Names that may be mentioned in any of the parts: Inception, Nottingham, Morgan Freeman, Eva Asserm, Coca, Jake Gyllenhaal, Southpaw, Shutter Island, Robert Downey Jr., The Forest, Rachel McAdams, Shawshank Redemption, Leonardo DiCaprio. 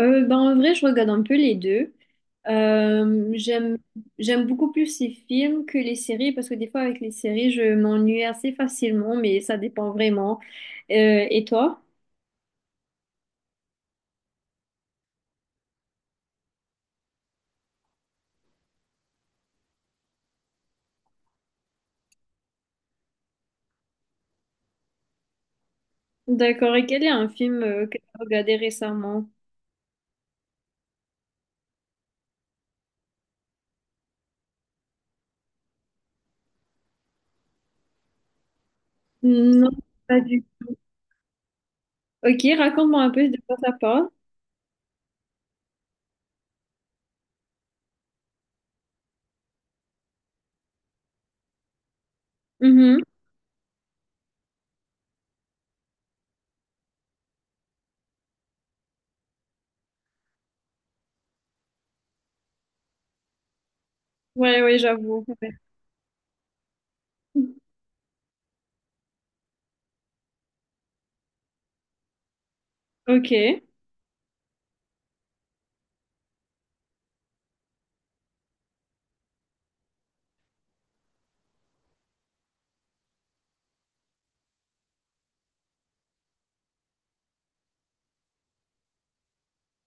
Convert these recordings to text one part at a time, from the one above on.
En vrai, je regarde un peu les deux. Euh, j'aime, J'aime beaucoup plus les films que les séries parce que des fois, avec les séries, je m'ennuie assez facilement, mais ça dépend vraiment. Et toi? D'accord. Et quel est un film que tu as regardé récemment? Non, pas du tout. Ok, raconte-moi un peu de quoi ça parle. Mhm. Ouais, ouais, j'avoue. Ouais. Ok.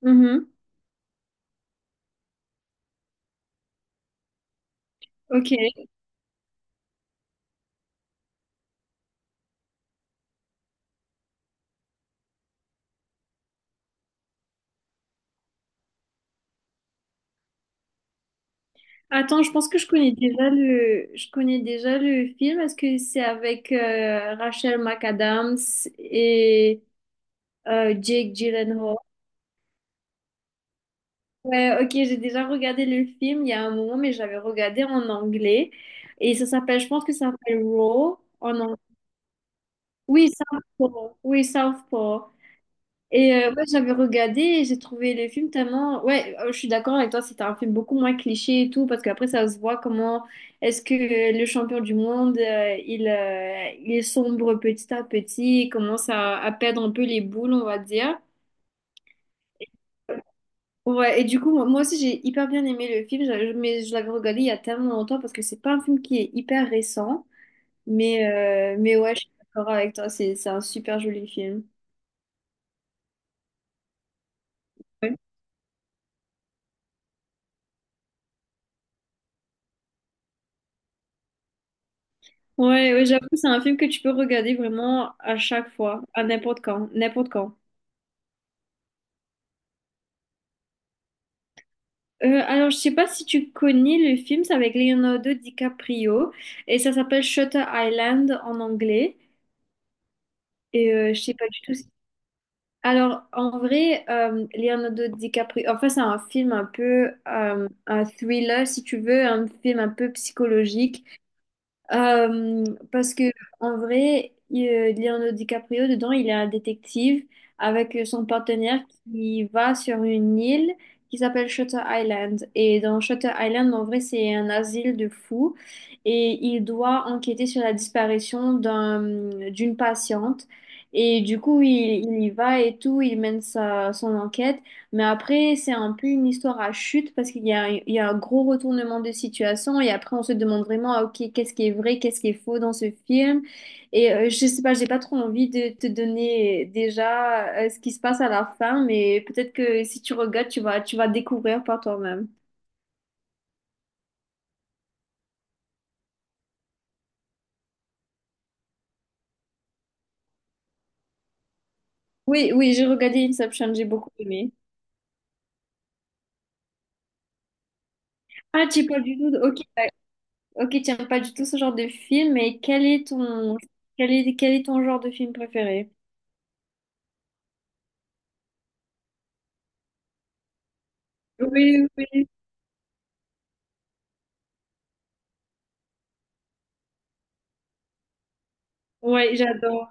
Mhm. Ok. Attends, je pense que je connais déjà je connais déjà le film. Est-ce que c'est avec Rachel McAdams et Jake Gyllenhaal? Ouais, ok, j'ai déjà regardé le film il y a un moment, mais j'avais regardé en anglais. Et ça s'appelle, je pense que ça s'appelle Raw en anglais. Oui, Southpaw. Oui, Southpaw. Et ouais, j'avais regardé et j'ai trouvé le film tellement... Ouais, je suis d'accord avec toi, c'était un film beaucoup moins cliché et tout, parce qu'après, ça se voit comment est-ce que le champion du monde, il sombre petit à petit, il commence à perdre un peu les boules, on va dire. Ouais, et du coup, moi aussi, j'ai hyper bien aimé le film, mais je l'avais regardé il y a tellement longtemps, parce que c'est pas un film qui est hyper récent, mais, mais ouais, je suis d'accord avec toi, c'est un super joli film. Ouais, ouais, j'avoue, c'est un film que tu peux regarder vraiment à chaque fois, à n'importe quand, n'importe quand. Alors, je sais pas si tu connais le film, c'est avec Leonardo DiCaprio et ça s'appelle Shutter Island en anglais. Et je sais pas du tout. Alors, en vrai, Leonardo DiCaprio, enfin, c'est un film un peu un thriller, si tu veux, un film un peu psychologique. Euh, parce que en vrai, Leonardo DiCaprio, dedans, il est un détective avec son partenaire qui va sur une île qui s'appelle Shutter Island. Et dans Shutter Island, en vrai, c'est un asile de fous. Et il doit enquêter sur la disparition d'une patiente. Et du coup, il y va et tout, il mène son enquête. Mais après, c'est un peu une histoire à chute parce il y a un gros retournement de situation et après, on se demande vraiment, ah, ok, qu'est-ce qui est vrai, qu'est-ce qui est faux dans ce film. Et je sais pas, j'ai pas trop envie de te donner déjà ce qui se passe à la fin, mais peut-être que si tu regardes, tu vas découvrir par toi-même. Oui, oui, j'ai regardé Inception, j'ai beaucoup aimé. Ah, tu pas du tout, ok, ok, tu n'aimes pas du tout ce genre de film, mais quel est ton genre de film préféré? Oui, oui, ouais, j'adore.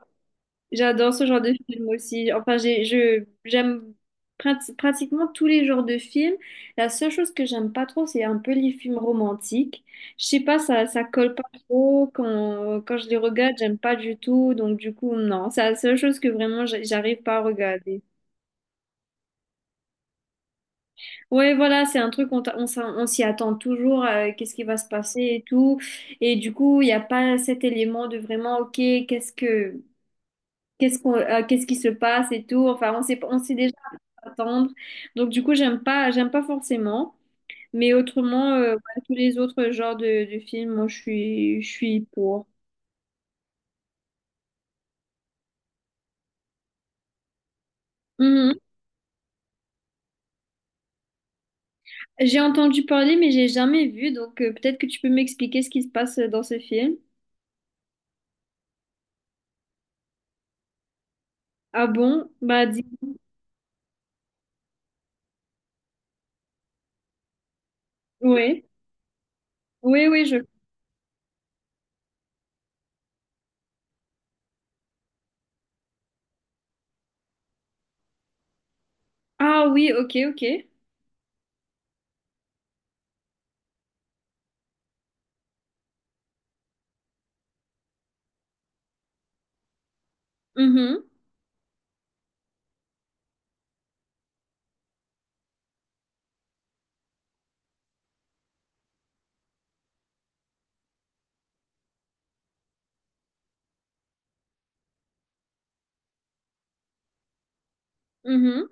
J'adore ce genre de film aussi. Enfin, j'aime pratiquement tous les genres de films. La seule chose que j'aime pas trop, c'est un peu les films romantiques. Je sais pas, ça colle pas trop. Quand je les regarde, j'aime pas du tout. Donc, du coup, non. C'est la seule chose que vraiment, j'arrive pas à regarder. Ouais, voilà, c'est un truc, on s'y attend toujours. Qu'est-ce qui va se passer et tout. Et du coup, il n'y a pas cet élément de vraiment, OK, qu'est-ce que qu'est-ce qu'on, qu'est-ce qui se passe et tout. Enfin, on sait pas, on sait déjà attendre. Donc du coup, j'aime pas forcément. Mais autrement, ouais, tous les autres genres de films, moi, je suis pour. Mhm. J'ai entendu parler, mais j'ai jamais vu. Donc peut-être que tu peux m'expliquer ce qui se passe dans ce film. Ah bon? Bah dis. Oui. Oui, oui, je. Ah oui, ok, ok. Mhm, mhm.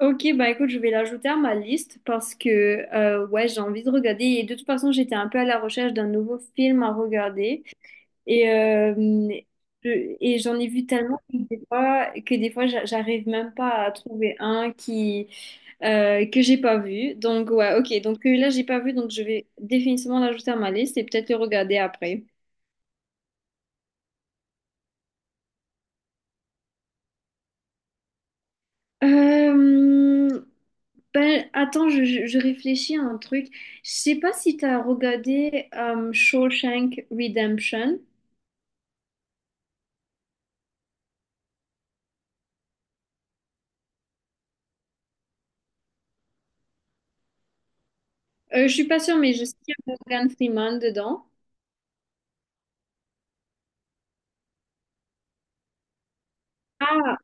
Ok, bah écoute, je vais l'ajouter à ma liste parce que ouais, j'ai envie de regarder. Et de toute façon, j'étais un peu à la recherche d'un nouveau film à regarder. Et, et j'en ai vu tellement que des fois j'arrive même pas à trouver que j'ai pas vu. Donc, ouais, ok. Donc, là, j'ai pas vu. Donc, je vais définitivement l'ajouter à ma liste et peut-être le regarder après. Euh, Attends, je réfléchis à un truc. Je sais pas si tu as regardé Shawshank Redemption. Je suis pas sûre, mais je sais qu'il y a Morgan Freeman dedans.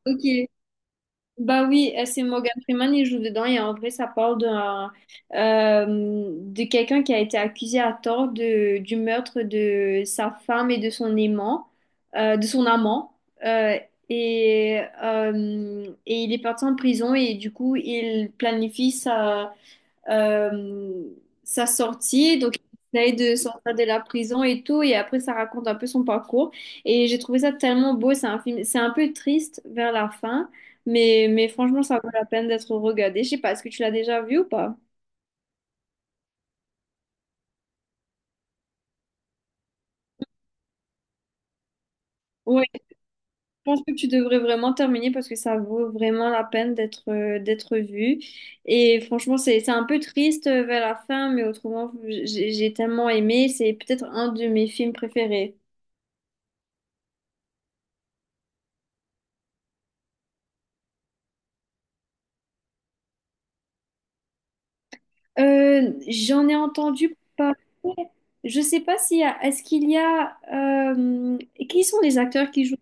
Ok, bah oui, c'est Morgan Freeman, il joue dedans et en vrai, de quelqu'un qui a été accusé à tort du meurtre de sa femme et de son aimant, de son amant. Euh, et il est parti en prison et du coup, il planifie ça euh, sa sortie. Donc, il essaye de sortir de la prison et tout. Et après, ça raconte un peu son parcours. Et j'ai trouvé ça tellement beau. C'est un film, c'est un peu triste vers la fin. Mais franchement, ça vaut la peine d'être regardé. Je sais pas, est-ce que tu l'as déjà vu ou pas? Oui, je pense que tu devrais vraiment terminer parce que ça vaut vraiment la peine d'être vu. Et franchement, c'est un peu triste vers la fin, mais autrement, j'ai tellement aimé. C'est peut-être un de mes films préférés. J'en ai entendu parler. Je sais pas s'il y a. Est-ce qu'il y a. Qui sont les acteurs qui jouent?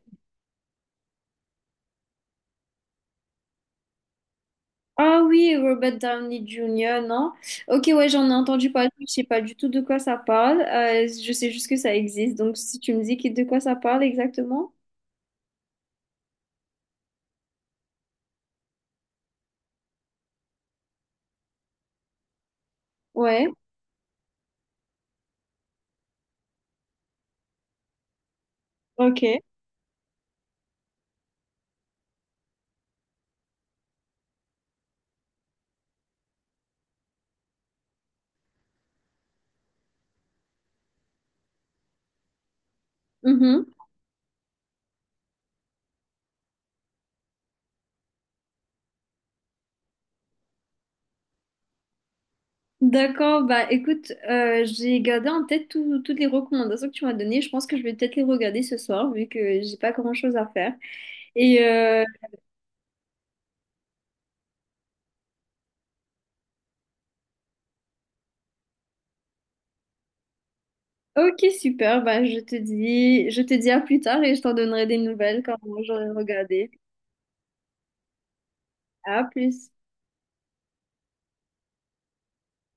Ah oui, Robert Downey Jr., non? Ok, ouais, j'en ai entendu parler. Je sais pas du tout de quoi ça parle. Je sais juste que ça existe. Donc, si tu me dis de quoi ça parle exactement? Ouais, ok. Mhm. D'accord, bah écoute, j'ai gardé en tête toutes les recommandations que tu m'as données. Je pense que je vais peut-être les regarder ce soir vu que j'ai pas grand-chose à faire. Et Ok, super. Ben, je te dis à plus tard et je t'en donnerai des nouvelles quand j'aurai regardé. À plus.